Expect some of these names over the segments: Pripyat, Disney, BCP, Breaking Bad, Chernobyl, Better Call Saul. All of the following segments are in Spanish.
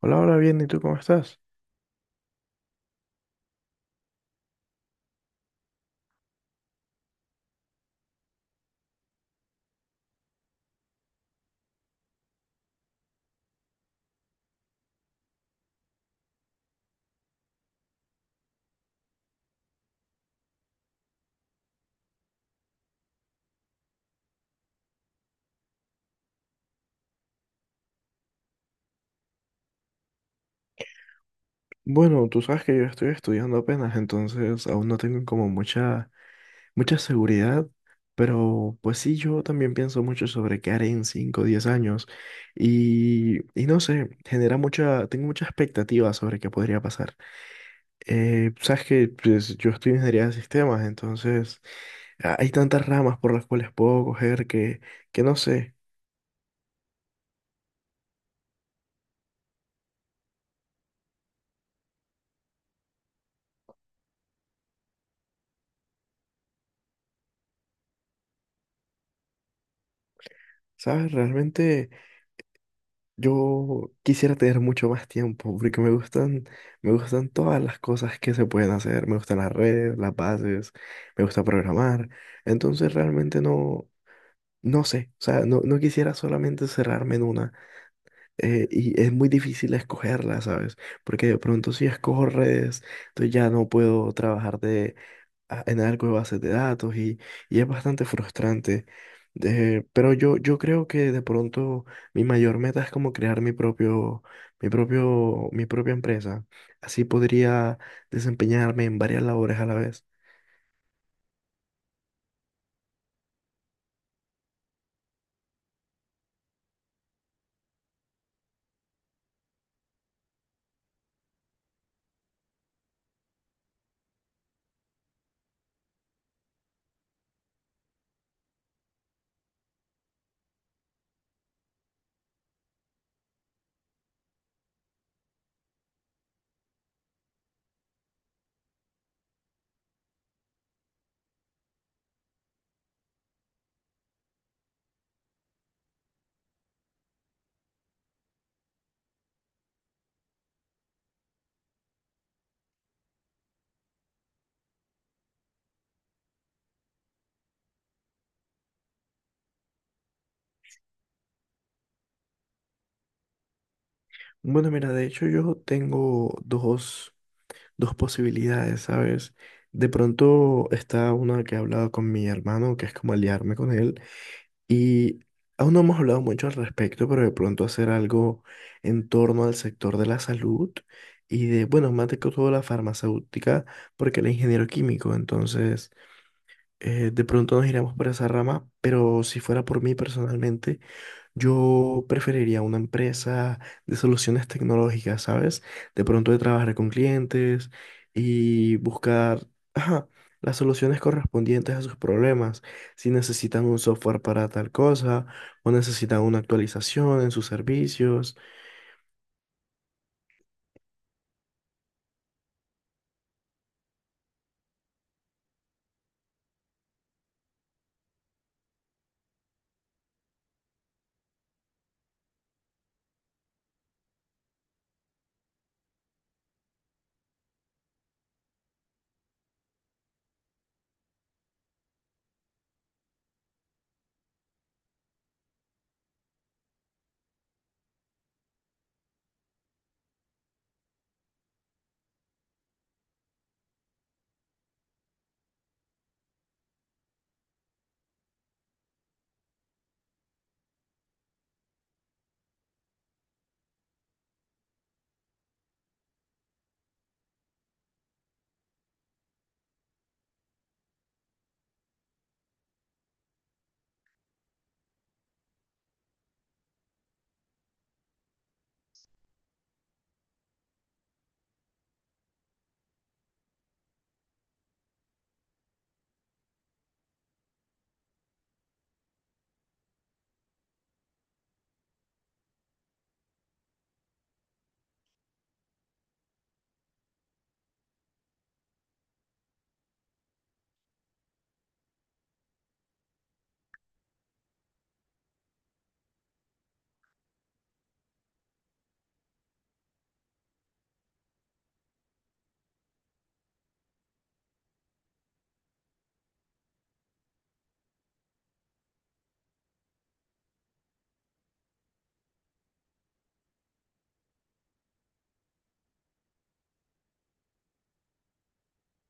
Hola, hola, bien, ¿y tú cómo estás? Bueno, tú sabes que yo estoy estudiando apenas, entonces aún no tengo como mucha, seguridad, pero pues sí, yo también pienso mucho sobre qué haré en 5, o 10 años y no sé, genera mucha, tengo mucha expectativa sobre qué podría pasar. Sabes que pues, yo estudio ingeniería de sistemas, entonces hay tantas ramas por las cuales puedo coger que no sé, ¿sabes? Realmente, yo quisiera tener mucho más tiempo porque me gustan todas las cosas que se pueden hacer. Me gustan las redes, las bases, me gusta programar. Entonces realmente no, no sé. O sea, no, no quisiera solamente cerrarme en una. Y es muy difícil escogerla, ¿sabes? Porque de pronto si escojo redes, entonces ya no puedo trabajar de en algo de bases de datos y es bastante frustrante. Pero yo creo que de pronto mi mayor meta es como crear mi propio, mi propia empresa. Así podría desempeñarme en varias labores a la vez. Bueno, mira, de hecho yo tengo dos, dos posibilidades, ¿sabes? De pronto está una que he hablado con mi hermano, que es como aliarme con él. Y aún no hemos hablado mucho al respecto, pero de pronto hacer algo en torno al sector de la salud y de, bueno, más de que todo la farmacéutica, porque el ingeniero químico, entonces de pronto nos iremos por esa rama, pero si fuera por mí personalmente. Yo preferiría una empresa de soluciones tecnológicas, ¿sabes? De pronto de trabajar con clientes y buscar, ajá, las soluciones correspondientes a sus problemas. Si necesitan un software para tal cosa o necesitan una actualización en sus servicios.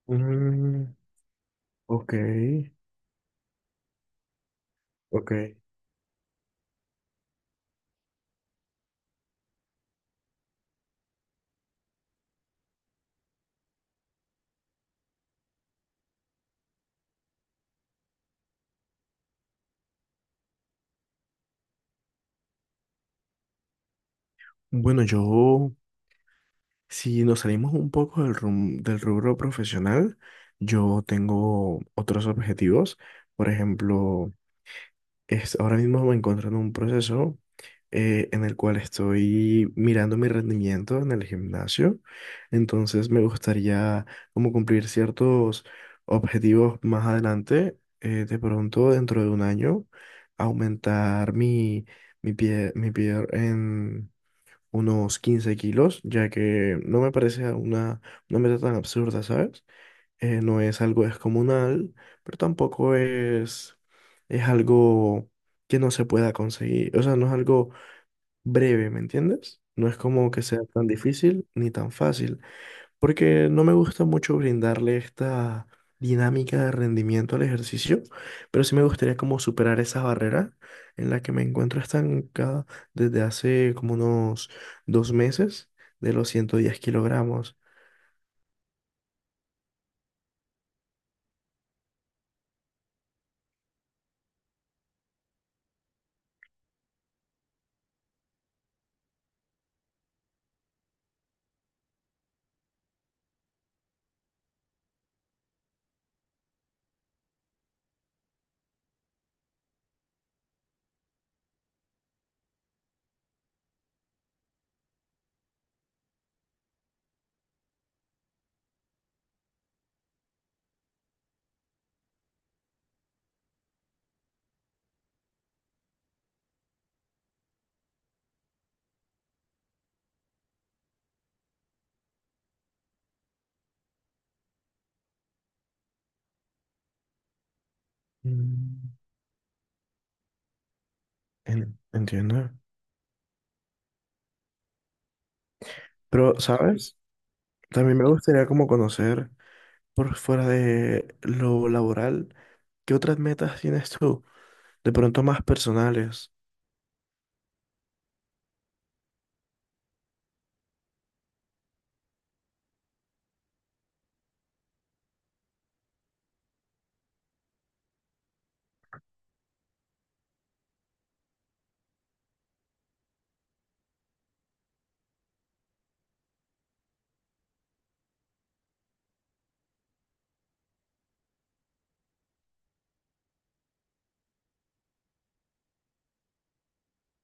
Mm, ok, ok. Bueno, yo, si nos salimos un poco del, del rubro profesional, yo tengo otros objetivos. Por ejemplo, es, ahora mismo me encuentro en un proceso en el cual estoy mirando mi rendimiento en el gimnasio. Entonces me gustaría como cumplir ciertos objetivos más adelante. De pronto, dentro de un año, aumentar mi, mi pie en unos 15 kilos, ya que no me parece una meta tan absurda, ¿sabes? No es algo descomunal, pero tampoco es, es algo que no se pueda conseguir. O sea, no es algo breve, ¿me entiendes? No es como que sea tan difícil ni tan fácil, porque no me gusta mucho brindarle esta dinámica de rendimiento al ejercicio, pero sí me gustaría como superar esa barrera en la que me encuentro estancada desde hace como unos 2 meses de los 110 kilogramos. Mm, entiendo. Pero, ¿sabes? También me gustaría como conocer por fuera de lo laboral, ¿qué otras metas tienes tú? De pronto más personales.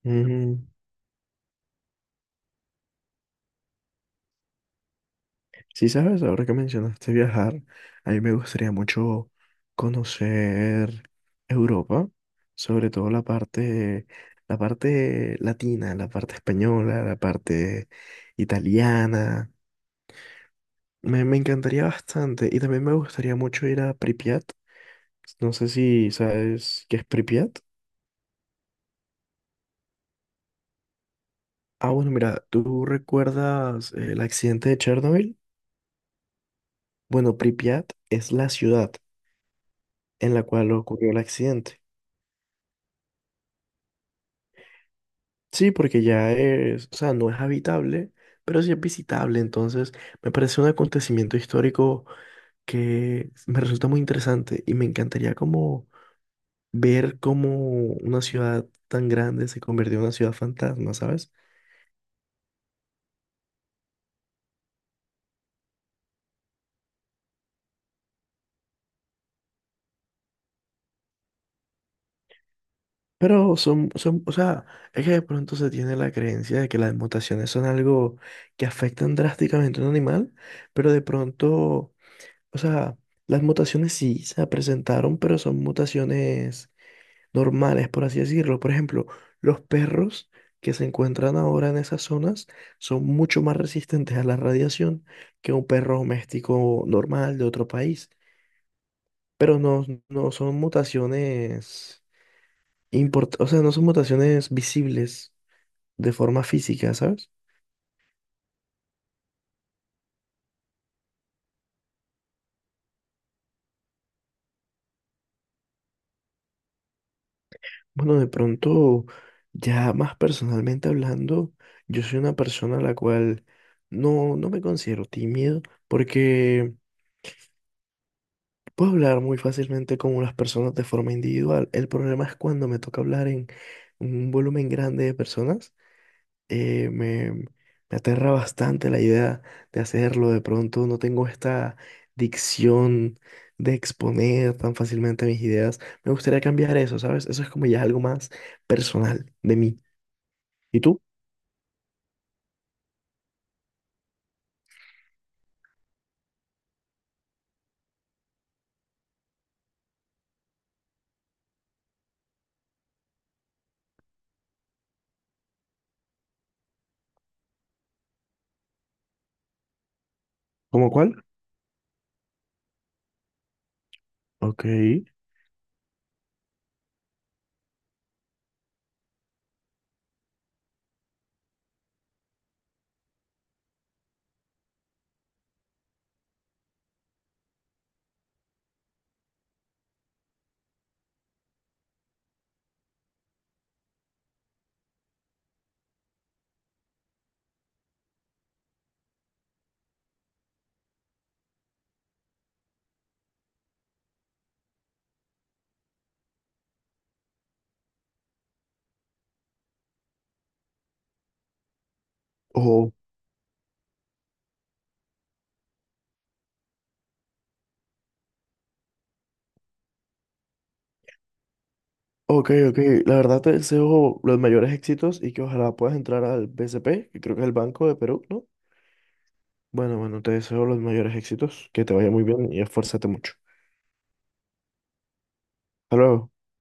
Mm, sí, sabes, ahora que mencionaste viajar, a mí me gustaría mucho conocer Europa, sobre todo la parte latina, la parte española, la parte italiana. Me encantaría bastante y también me gustaría mucho ir a Pripyat. No sé si sabes qué es Pripyat. Ah, bueno, mira, ¿tú recuerdas el accidente de Chernobyl? Bueno, Pripyat es la ciudad en la cual ocurrió el accidente. Sí, porque ya es, o sea, no es habitable, pero sí es visitable. Entonces, me parece un acontecimiento histórico que me resulta muy interesante y me encantaría como ver cómo una ciudad tan grande se convirtió en una ciudad fantasma, ¿sabes? Pero son, o sea, es que de pronto se tiene la creencia de que las mutaciones son algo que afectan drásticamente a un animal, pero de pronto, o sea, las mutaciones sí se presentaron, pero son mutaciones normales, por así decirlo. Por ejemplo, los perros que se encuentran ahora en esas zonas son mucho más resistentes a la radiación que un perro doméstico normal de otro país, pero no, no son mutaciones o sea, no son mutaciones visibles de forma física, ¿sabes? Bueno, de pronto, ya más personalmente hablando, yo soy una persona a la cual no, no me considero tímido porque puedo hablar muy fácilmente con las personas de forma individual. El problema es cuando me toca hablar en un volumen grande de personas. Me aterra bastante la idea de hacerlo. De pronto no tengo esta dicción de exponer tan fácilmente mis ideas. Me gustaría cambiar eso, ¿sabes? Eso es como ya algo más personal de mí. ¿Y tú? ¿Cómo cuál? Ok. Oh, ok, ok. La verdad te deseo los mayores éxitos y que ojalá puedas entrar al BCP, que creo que es el Banco de Perú, ¿no? Bueno, bueno, te deseo los mayores éxitos, que te vaya muy bien y esfuérzate mucho. Hasta luego.